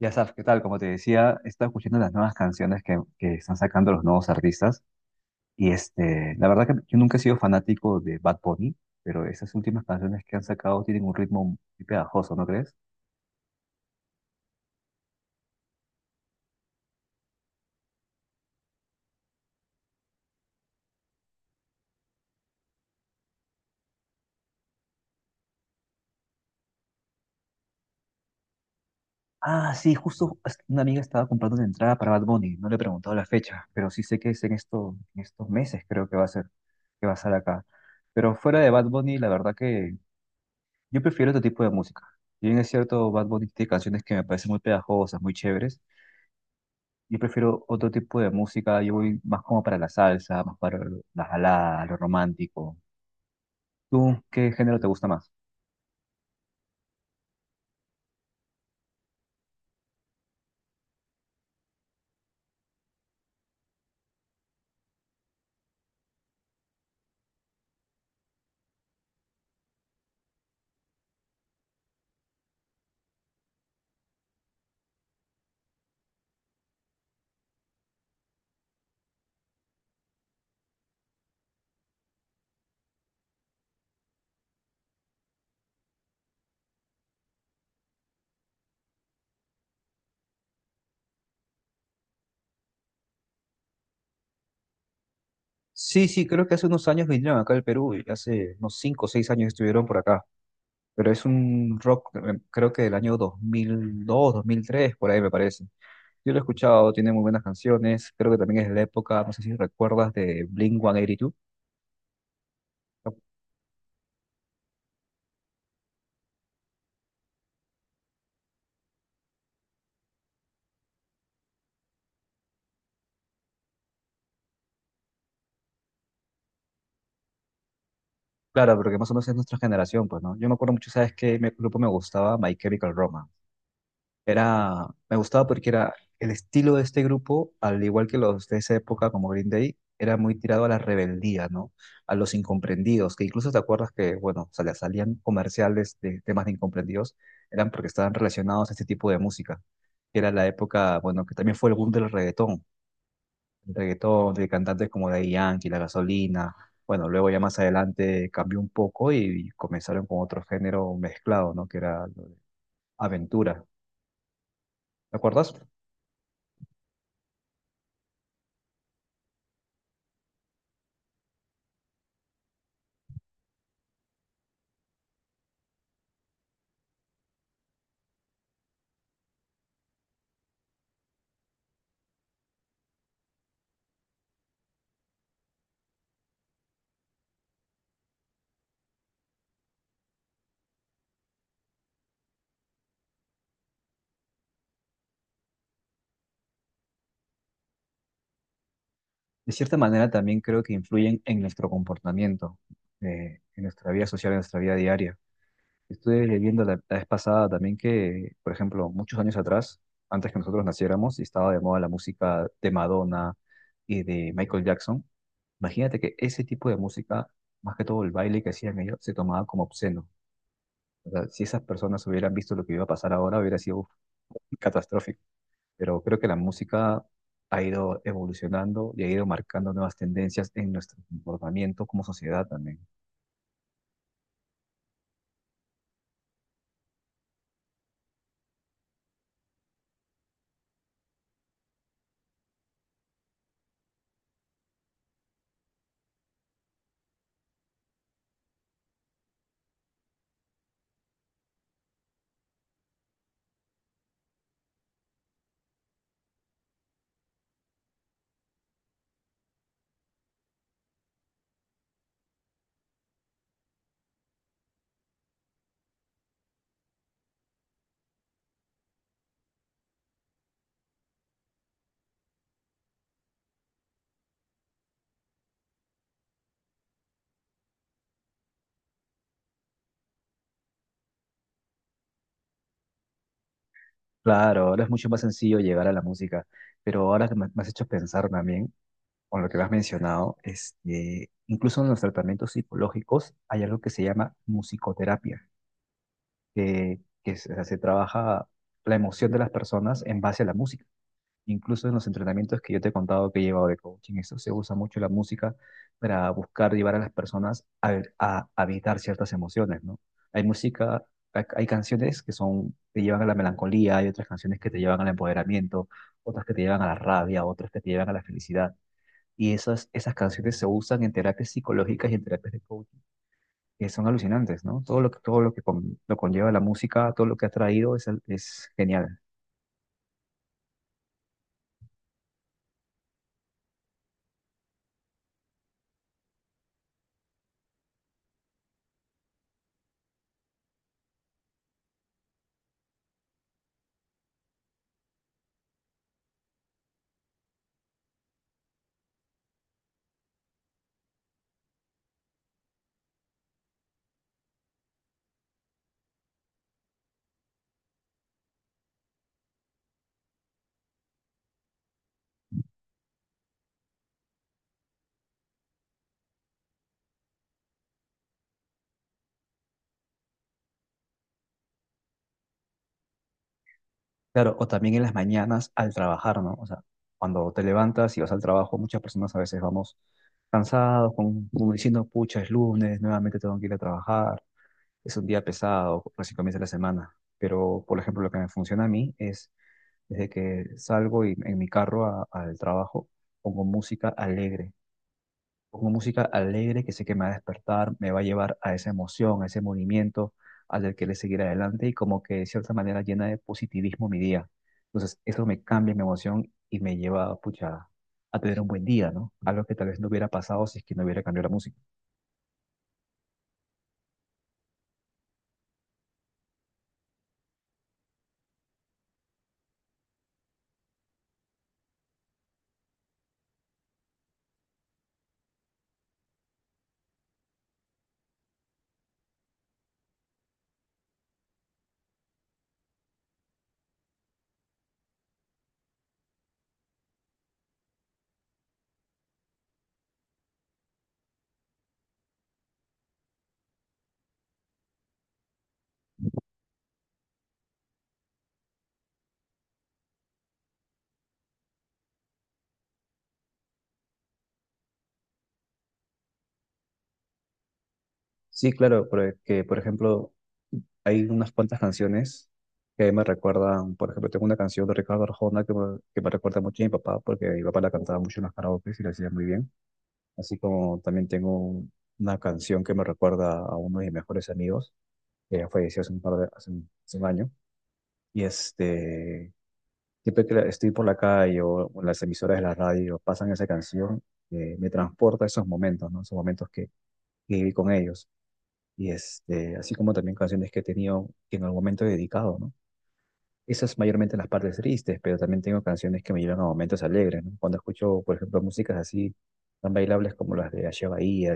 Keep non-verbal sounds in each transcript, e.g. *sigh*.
Ya sabes, ¿qué tal? Como te decía, he estado escuchando las nuevas canciones que están sacando los nuevos artistas. La verdad que yo nunca he sido fanático de Bad Bunny, pero esas últimas canciones que han sacado tienen un ritmo muy pegajoso, ¿no crees? Ah, sí, una amiga estaba comprando una entrada para Bad Bunny. No le he preguntado la fecha, pero sí sé que es en estos meses, creo que va a ser, que va a estar acá. Pero fuera de Bad Bunny, la verdad que yo prefiero otro tipo de música. Si bien es cierto, Bad Bunny tiene canciones que me parecen muy pegajosas, muy chéveres. Yo prefiero otro tipo de música, yo voy más como para la salsa, más para la balada, lo romántico. ¿Tú qué género te gusta más? Sí, sí, creo que hace unos años vinieron acá al Perú, y hace unos 5 o 6 años estuvieron por acá, pero es un rock, creo que del año 2002, 2003, por ahí me parece. Yo lo he escuchado, tiene muy buenas canciones, creo que también es de la época, no sé si recuerdas, de Blink-182. Claro, porque más o menos es nuestra generación, pues, ¿no? Yo me acuerdo mucho, ¿sabes grupo me gustaba? My Chemical Romance. Era, me gustaba porque era el estilo de este grupo, al igual que los de esa época como Green Day, era muy tirado a la rebeldía, ¿no? A los incomprendidos, que incluso te acuerdas que, bueno, o sea, salían comerciales de temas de incomprendidos, eran porque estaban relacionados a este tipo de música. Que Era la época, bueno, que también fue el boom del reggaetón, el reggaetón de cantantes como Daddy Yankee, La Gasolina. Bueno, luego ya más adelante cambió un poco y comenzaron con otro género mezclado, ¿no? Que era aventura. ¿Te acuerdas? De cierta manera también creo que influyen en nuestro comportamiento, en nuestra vida social, en nuestra vida diaria. Estuve viendo la vez pasada también que, por ejemplo, muchos años atrás, antes que nosotros naciéramos y estaba de moda la música de Madonna y de Michael Jackson, imagínate que ese tipo de música, más que todo el baile que hacían ellos, se tomaba como obsceno. O sea, si esas personas hubieran visto lo que iba a pasar ahora, hubiera sido *laughs* catastrófico, pero creo que la música ha ido evolucionando y ha ido marcando nuevas tendencias en nuestro comportamiento como sociedad también. Claro, ahora es mucho más sencillo llegar a la música, pero ahora que me has hecho pensar también, con lo que me has mencionado, incluso en los tratamientos psicológicos hay algo que se llama musicoterapia, se trabaja la emoción de las personas en base a la música. Incluso en los entrenamientos que yo te he contado que he llevado de coaching, eso se usa mucho la música para buscar llevar a las personas a ciertas emociones, ¿no? Hay música, hay canciones que son, te llevan a la melancolía, hay otras canciones que te llevan al empoderamiento, otras que te llevan a la rabia, otras que te llevan a la felicidad. Esas canciones se usan en terapias psicológicas y en terapias de coaching, que son alucinantes, ¿no? Todo lo que lo conlleva la música, todo lo que ha traído es genial. Claro, o también en las mañanas al trabajar, ¿no? O sea, cuando te levantas y vas al trabajo, muchas personas a veces vamos cansados, como diciendo, pucha, es lunes, nuevamente tengo que ir a trabajar, es un día pesado, recién comienza la semana. Pero, por ejemplo, lo que me funciona a mí es, desde que salgo en mi carro al trabajo, pongo música alegre. Pongo música alegre que sé que me va a despertar, me va a llevar a esa emoción, a ese movimiento, a del querer seguir adelante y como que de cierta manera llena de positivismo mi día. Entonces, eso me cambia mi emoción y me lleva, pucha, a tener un buen día, ¿no? Algo que tal vez no hubiera pasado si es que no hubiera cambiado la música. Sí, claro, porque, por ejemplo, hay unas cuantas canciones que me recuerdan, por ejemplo, tengo una canción de Ricardo Arjona que me recuerda mucho a mi papá, porque mi papá la cantaba mucho en los karaoke y la hacía muy bien. Así como también tengo una canción que me recuerda a uno de mis mejores amigos, que ya falleció hace un par de, hace un año. Y este, siempre que estoy por la calle o en las emisoras de la radio, pasan esa canción, me transporta a esos momentos, ¿no? Esos momentos que viví con ellos. Así como también canciones que he tenido que en algún momento he dedicado, ¿no? Esas mayormente las partes tristes, pero también tengo canciones que me llevan a momentos alegres, ¿no? Cuando escucho, por ejemplo, músicas así tan bailables como las de Ache Bahía,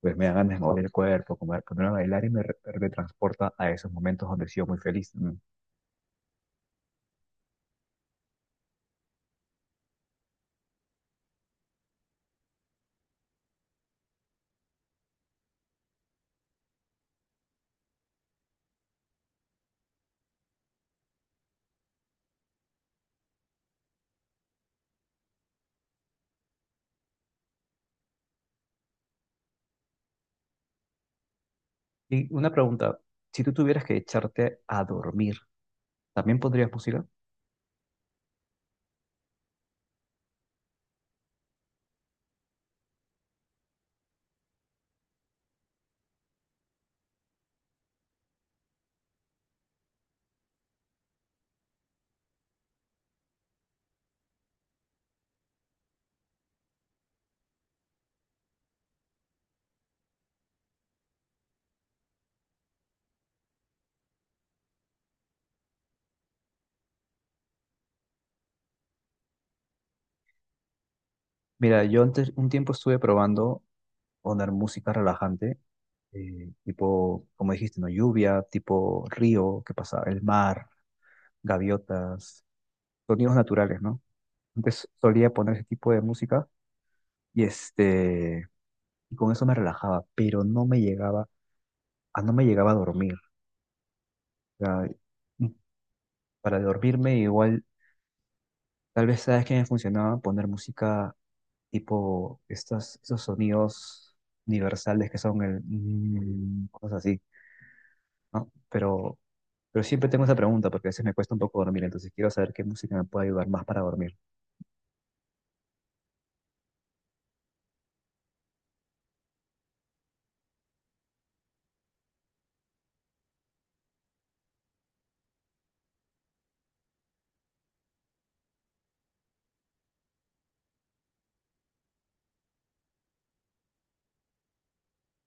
pues me dan ganas de mover el cuerpo, comer, ponerme a bailar y me retransporta a esos momentos donde he sido muy feliz. Mm. Y una pregunta, si tú tuvieras que echarte a dormir, ¿también pondrías música? Mira, yo antes un tiempo estuve probando poner música relajante, tipo, como dijiste, ¿no? Lluvia, tipo río, ¿qué pasa? El mar, gaviotas, sonidos naturales, ¿no? Antes solía poner ese tipo de música y este, y con eso me relajaba, pero no me llegaba, a no me llegaba a dormir. Sea, mm, para dormirme igual, tal vez sabes que me funcionaba poner música tipo esos sonidos universales que son el mm, cosas así, ¿no? Pero siempre tengo esa pregunta porque a veces me cuesta un poco dormir, entonces quiero saber qué música me puede ayudar más para dormir.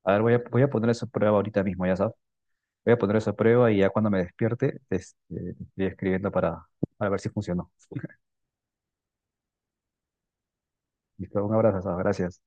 A ver, voy a poner eso a prueba ahorita mismo, ya sabes. Voy a poner eso a prueba y ya cuando me despierte, estoy escribiendo para ver si funcionó. *laughs* Listo, un abrazo, Saba, gracias.